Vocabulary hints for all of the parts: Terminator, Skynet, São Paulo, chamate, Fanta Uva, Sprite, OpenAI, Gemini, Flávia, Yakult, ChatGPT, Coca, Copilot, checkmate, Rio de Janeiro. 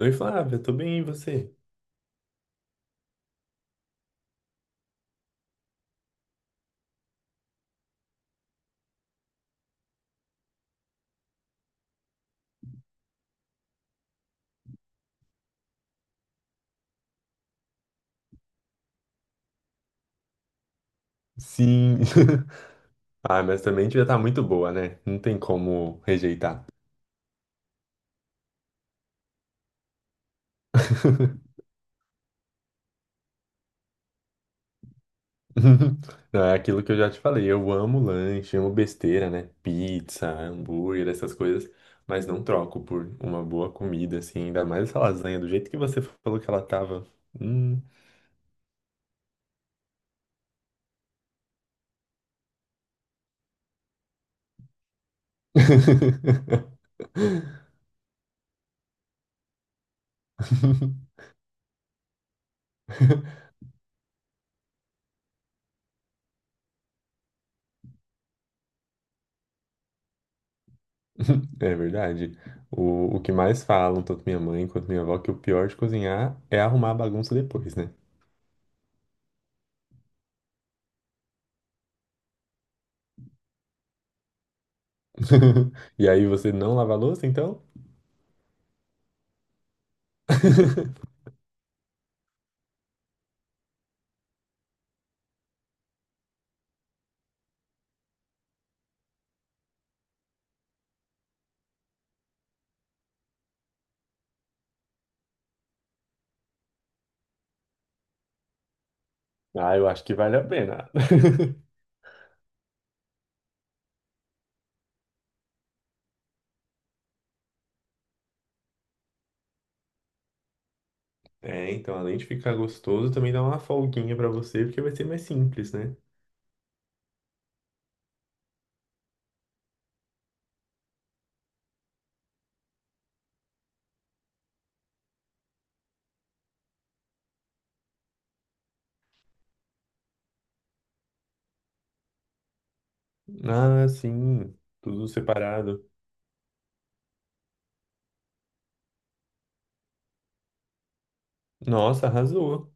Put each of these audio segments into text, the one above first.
Oi, Flávia, tô bem, e você? Sim. Ah, mas também devia estar muito boa, né? Não tem como rejeitar. Não, é aquilo que eu já te falei. Eu amo lanche, amo besteira, né? Pizza, hambúrguer, essas coisas. Mas não troco por uma boa comida, assim. Ainda mais essa lasanha, do jeito que você falou que ela tava. Hum. É verdade. O que mais falam, tanto minha mãe quanto minha avó, que o pior de cozinhar é arrumar a bagunça depois, né? E aí você não lava a louça, então? Ah, eu acho que vale a pena. É, então, além de ficar gostoso, também dá uma folguinha pra você, porque vai ser mais simples, né? Ah, sim, tudo separado. Nossa, arrasou.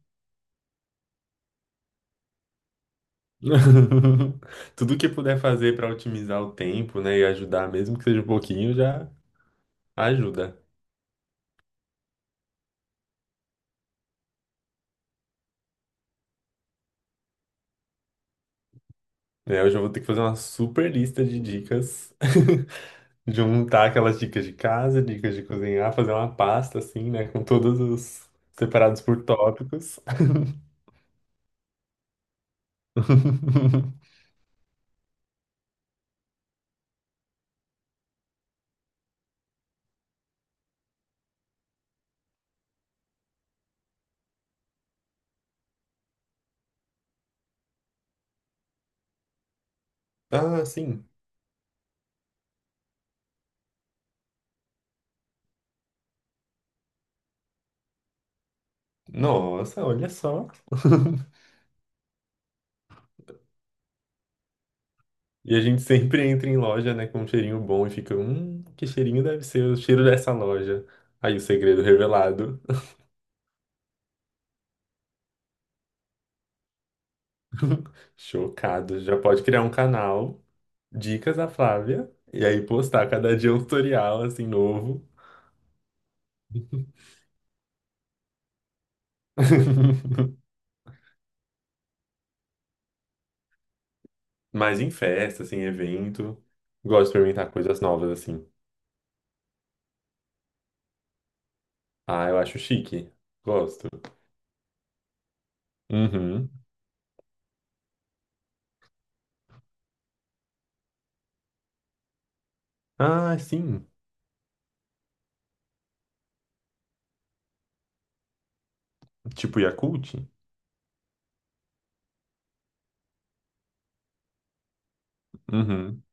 Tudo que puder fazer pra otimizar o tempo, né, e ajudar, mesmo que seja um pouquinho, já ajuda. É, eu já vou ter que fazer uma super lista de dicas. Juntar aquelas dicas de casa, dicas de cozinhar, fazer uma pasta assim, né? Com todos os separados por tópicos. Ah, sim. Nossa, olha só. E a gente sempre entra em loja, né, com um cheirinho bom e fica, que cheirinho deve ser o cheiro dessa loja. Aí o segredo revelado. Chocado. Já pode criar um canal, Dicas da Flávia, e aí postar cada dia um tutorial assim novo. Mas em festa, assim, evento. Gosto de experimentar coisas novas, assim. Ah, eu acho chique. Gosto. Uhum. Ah, sim. Tipo Yakult? Uhum.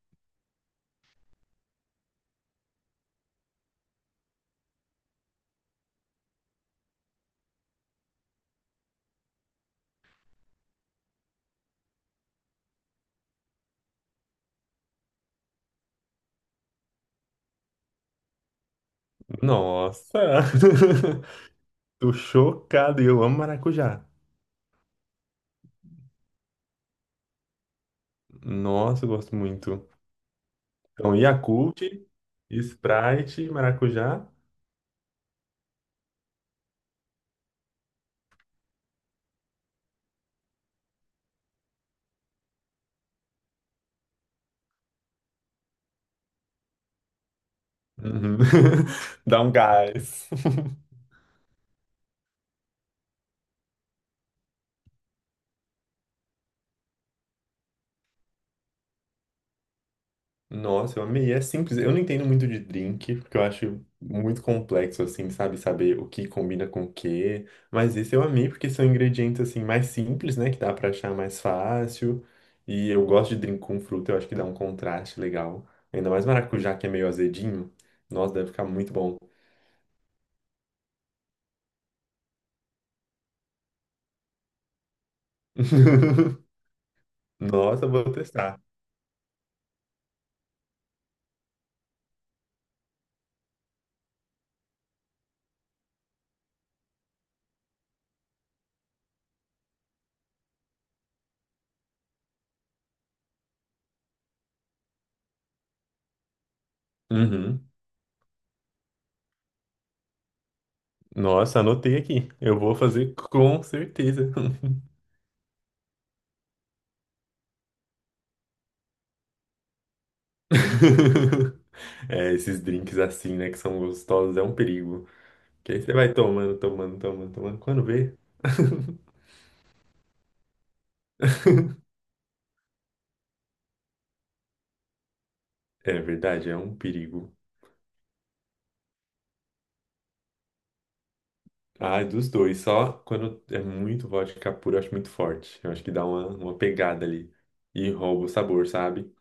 Nossa! Tô chocado. E eu amo maracujá. Nossa, eu gosto muito. Então, Yakult, Sprite, maracujá. Uhum. Dá um gás. Nossa, eu amei. É simples. Eu não entendo muito de drink, porque eu acho muito complexo, assim, sabe? Saber o que combina com o quê. Mas esse eu amei, porque são ingredientes, assim, mais simples, né? Que dá pra achar mais fácil. E eu gosto de drink com fruta, eu acho que dá um contraste legal. Ainda mais maracujá, que é meio azedinho. Nossa, deve ficar muito bom. Nossa, vou testar. Uhum. Nossa, anotei aqui. Eu vou fazer com certeza. É, esses drinks assim, né, que são gostosos, é um perigo. Que aí você vai tomando, tomando, tomando, tomando, quando vê. É verdade, é um perigo. Ah, dos dois, só quando é muito vodka pura, eu acho muito forte. Eu acho que dá uma pegada ali e rouba o sabor, sabe?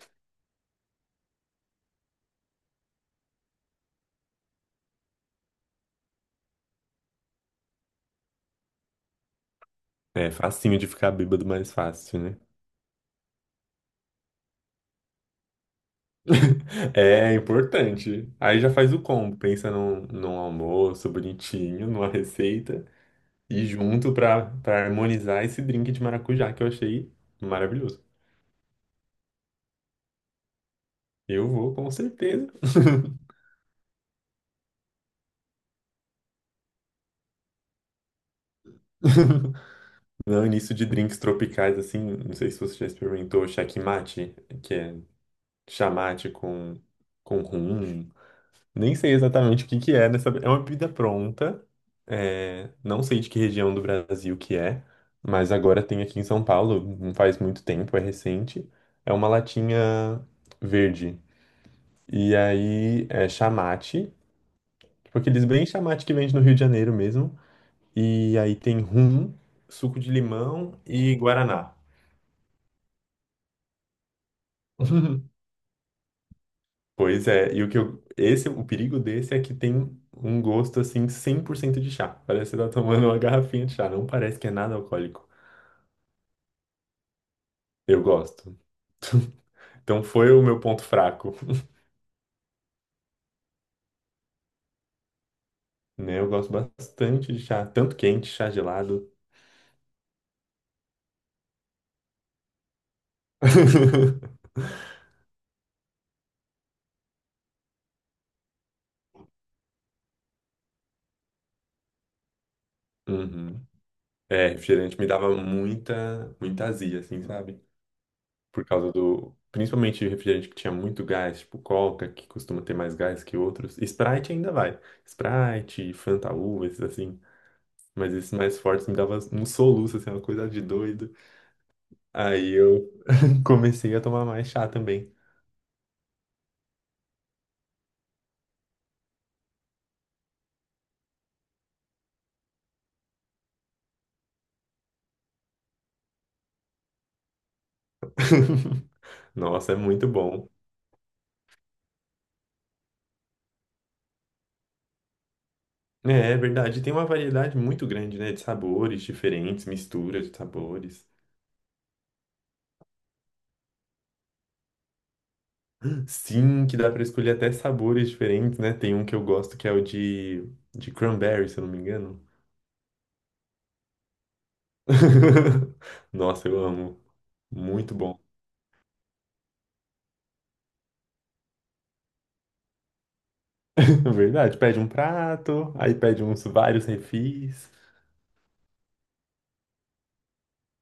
É facinho de ficar bêbado mais fácil, né? É importante. Aí já faz o combo, pensa num almoço bonitinho, numa receita. E junto pra harmonizar esse drink de maracujá que eu achei maravilhoso. Eu vou, com certeza. Não, início de drinks tropicais, assim, não sei se você já experimentou checkmate, que é chamate com rum. Nem sei exatamente o que que é nessa. É uma bebida pronta, é, não sei de que região do Brasil que é, mas agora tem aqui em São Paulo, não faz muito tempo, é recente. É uma latinha verde. E aí é chamate, tipo aqueles bem chamate que vende no Rio de Janeiro mesmo. E aí tem rum, suco de limão e guaraná. Pois é, e o que eu, esse, o perigo desse é que tem um gosto assim 100% de chá. Parece que você tá tomando uma garrafinha de chá, não parece que é nada alcoólico. Eu gosto. Então foi o meu ponto fraco. Né? Eu gosto bastante de chá, tanto quente, chá gelado. Uhum. É, refrigerante me dava muita azia, assim, sabe? Por causa do. Principalmente refrigerante que tinha muito gás, tipo Coca, que costuma ter mais gás que outros. Sprite ainda vai. Sprite, Fanta Uva, esses assim. Mas esses mais fortes me dava um soluço, assim, uma coisa de doido. Aí eu comecei a tomar mais chá também. Nossa, é muito bom. É, é verdade. Tem uma variedade muito grande, né? De sabores diferentes, misturas de sabores. Sim, que dá pra escolher até sabores diferentes, né? Tem um que eu gosto que é o de cranberry, se eu não me engano. Nossa, eu amo. Muito bom. Verdade. Pede um prato, aí pede uns vários refis.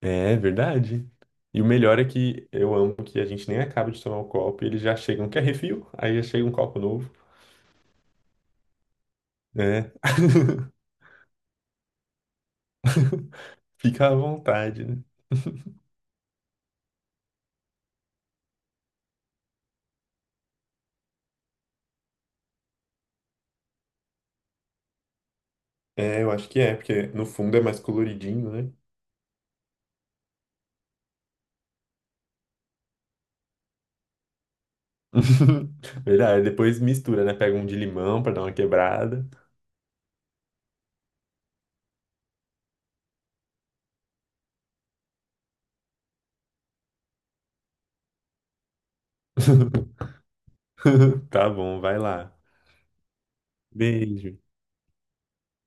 É verdade. E o melhor é que eu amo que a gente nem acaba de tomar o copo e eles já chegam. Quer refil? Aí já chega um copo novo. É. Fica à vontade, né? É, eu acho que é, porque no fundo é mais coloridinho, né? Verdade. Depois mistura, né? Pega um de limão pra dar uma quebrada. Tá bom, vai lá. Beijo.